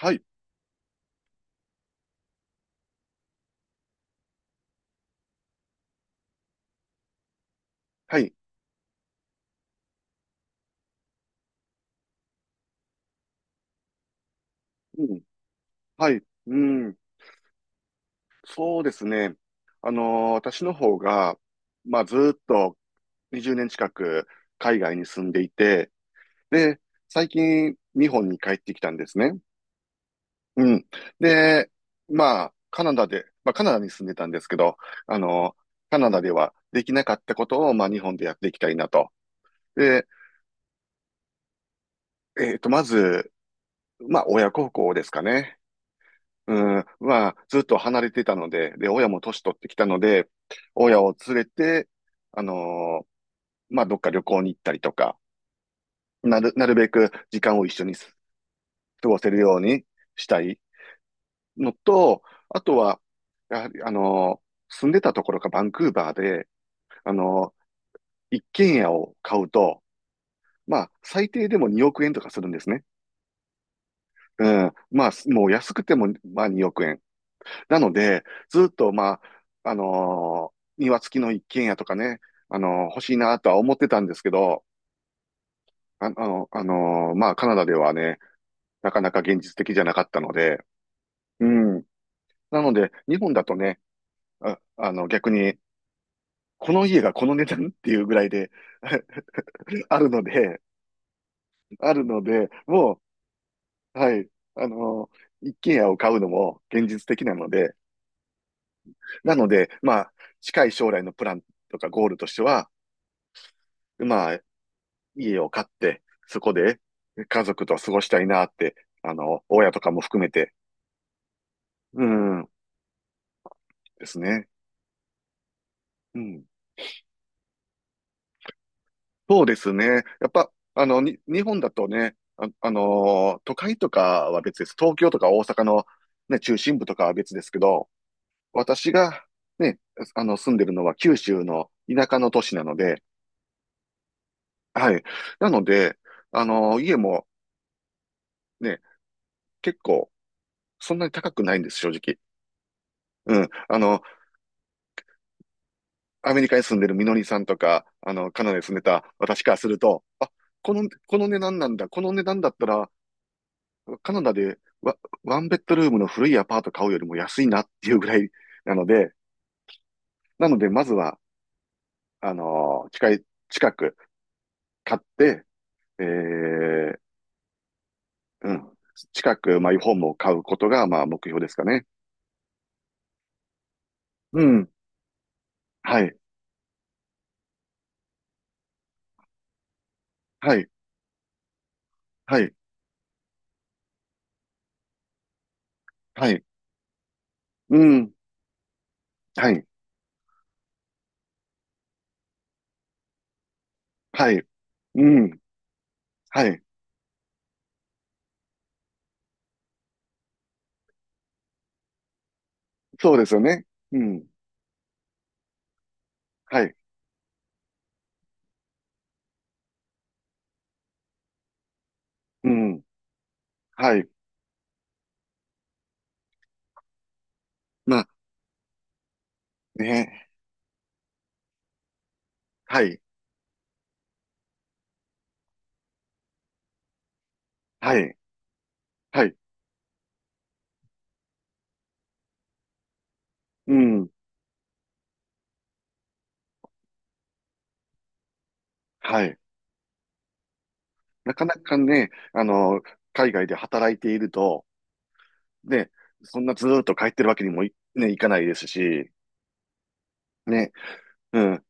はい、はい、うん、はい、うん、そうですね。あの私の方が、まあ、ずーっと20年近く海外に住んでいて、で、最近日本に帰ってきたんですね。うん。で、まあ、カナダに住んでたんですけど、あのカナダではできなかったことを、まあ、日本でやっていきたいなと。で、まず、まあ、親孝行ですかね。うん、ずっと離れてたので、で、親も年取ってきたので、親を連れて、あのーまあ、どっか旅行に行ったりとか、なるべく時間を一緒に過ごせるようにしたいのと、あとは、やはり、住んでたところがバンクーバーで、あのー一軒家を買うと、まあ、最低でも2億円とかするんですね。うん。まあ、もう安くても、まあ、2億円。なので、ずっと、まあ、庭付きの一軒家とかね、欲しいなとは思ってたんですけど、まあ、カナダではね、なかなか現実的じゃなかったので、うん。なので、日本だとね、逆に、この家がこの値段っていうぐらいで あるので、もう、はい、一軒家を買うのも現実的なので、まあ、近い将来のプランとかゴールとしては、まあ、家を買って、そこで家族と過ごしたいなって、親とかも含めて、うん、ですね。うん。そうですね。やっぱ、日本だとね、都会とかは別です。東京とか大阪の、ね、中心部とかは別ですけど、私が、ね、住んでるのは九州の田舎の都市なので、はい。なので、家もね、結構、そんなに高くないんです、正直。うん。アメリカに住んでるみのりさんとか、カナダに住んでた私からすると、この値段なんだ。この値段だったら、カナダでワンベッドルームの古いアパート買うよりも安いなっていうぐらい なので、なので、まずは、近く買って、えー、うん、近くマイホームを買うことが、まあ、目標ですかね。うん、はい、はい、はい、はい、うん、はい、はい、うん、はい、そうですよね。うん、はい、うん。はい。まあ、ね。はい。はい。はい。うん。はい。なかなかね、海外で働いていると、ね、そんなずーっと帰ってるわけにもね、いかないですし、ね。うん。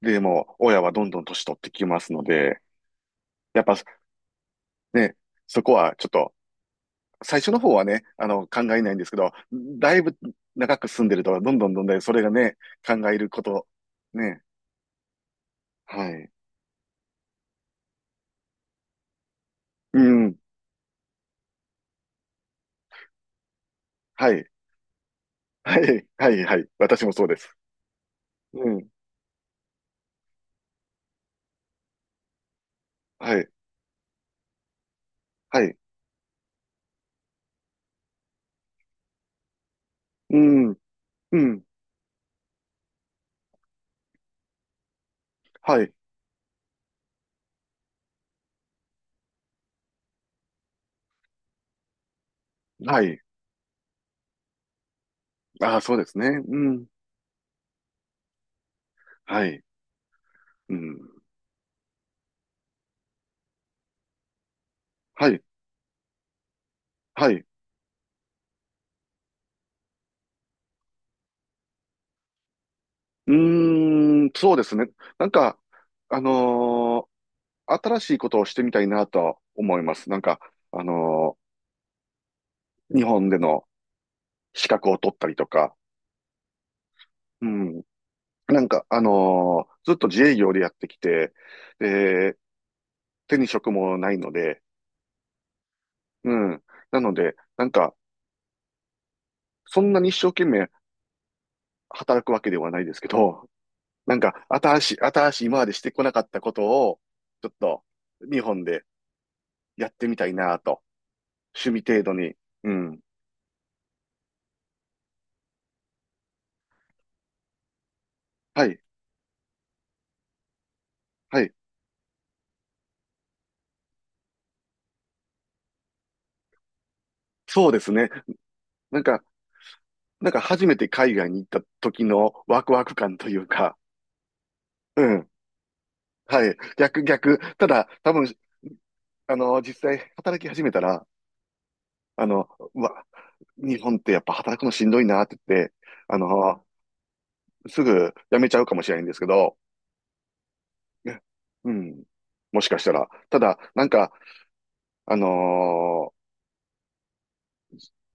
でも、親はどんどん年取ってきますので、やっぱ、ね、そこはちょっと、最初の方はね、考えないんですけど、だいぶ長く住んでると、どんどんどんどんねそれがね、考えること、ね。はい。うん。はい。はい。はい。はい。私もそうです。うん。はい。はい。うん。うん。はい。はい。ああ、そうですね。うん。はい。うん。はい。はい。うーん。そうですね。なんか、あのー新しいことをしてみたいなとは思います。なんか、あの日本での資格を取ったりとか。うん。なんか、ずっと自営業でやってきて、で、手に職もないので、うん。なので、なんか、そんなに一生懸命働くわけではないですけど、なんか、新しい、今までしてこなかったことを、ちょっと、日本でやってみたいなと。趣味程度に。うん。はい、はい。そうですね。なんか、なんか初めて海外に行った時のワクワク感というか、うん。はい。逆、逆。ただ、多分、実際働き始めたら、あの、うわ、日本ってやっぱ働くのしんどいなって言って、あの、すぐ辞めちゃうかもしれないんですけど、ねうん。もしかしたら。ただ、なんか、あのー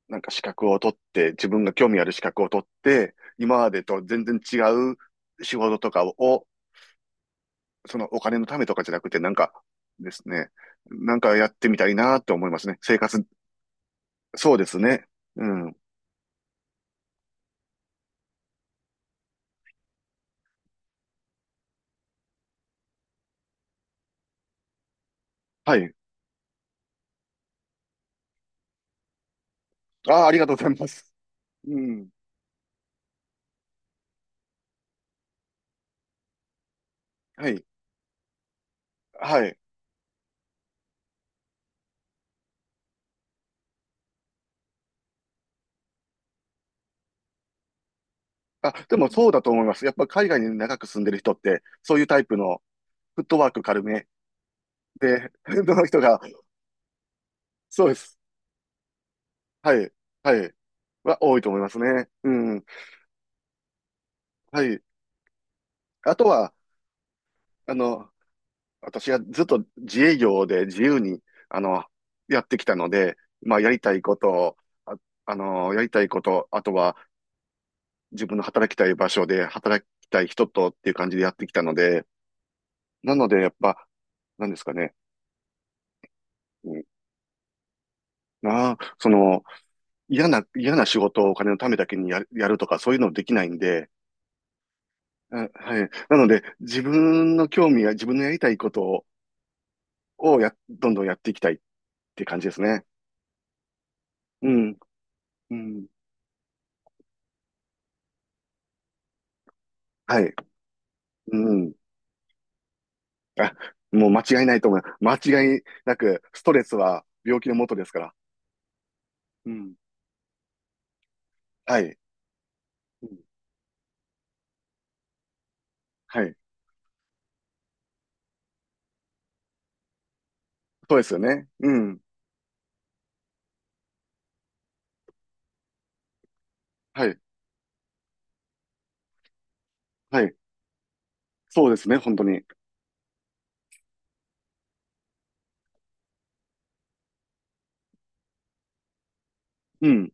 なんか資格を取って、自分が興味ある資格を取って、今までと全然違う仕事とかを、そのお金のためとかじゃなくて、なんかですね、なんかやってみたいなと思いますね。生活、そうですね。うん。はい。ああ、ありがとうございます。うん。はい。はい。あ、でもそうだと思います。やっぱ海外に長く住んでる人って、そういうタイプのフットワーク軽めで、の人が、そうです。はい。はい。は多いと思いますね。うん。はい。あとは、あの、私がずっと自営業で自由に、あの、やってきたので、まあ、やりたいことを、あ、やりたいこと、あとは自分の働きたい場所で働きたい人とっていう感じでやってきたので、なので、やっぱ、なんですかね。うん、まあ、その、嫌な仕事をお金のためだけにやるとか、そういうのできないんで、あはい。なので、自分の興味や自分のやりたいことを、どんどんやっていきたいって感じですね。うん。うん。はい。うん。あ、もう間違いないと思います。間違いなく、ストレスは病気のもとですから。うん。はい。うん。はい。そうですよね。うん。はい。はい。そうですね、本当に。うん。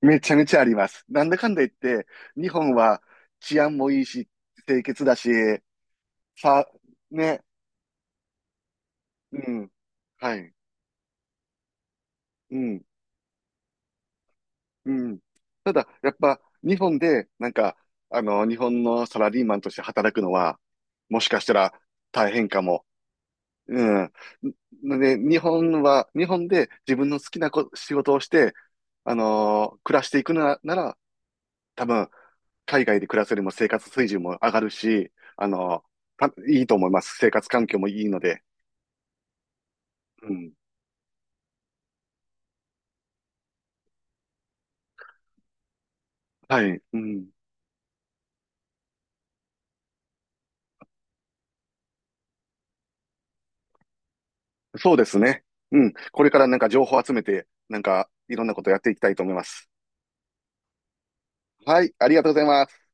めちゃめちゃあります。なんだかんだ言って、日本は治安もいいし、清潔だし、さ、ね。うん。はい。うん。うん。ただ、やっぱ、日本で、なんか、日本のサラリーマンとして働くのは、もしかしたら大変かも。うん。で、日本で自分の好きな仕事をして、暮らしていくなら、多分、海外で暮らすよりも生活水準も上がるし、あのーたいいと思います。生活環境もいいので。うん。はい。うん。そうですね。うん。これからなんか情報集めて、なんかいろんなことやっていきたいと思います。はい。ありがとうございます。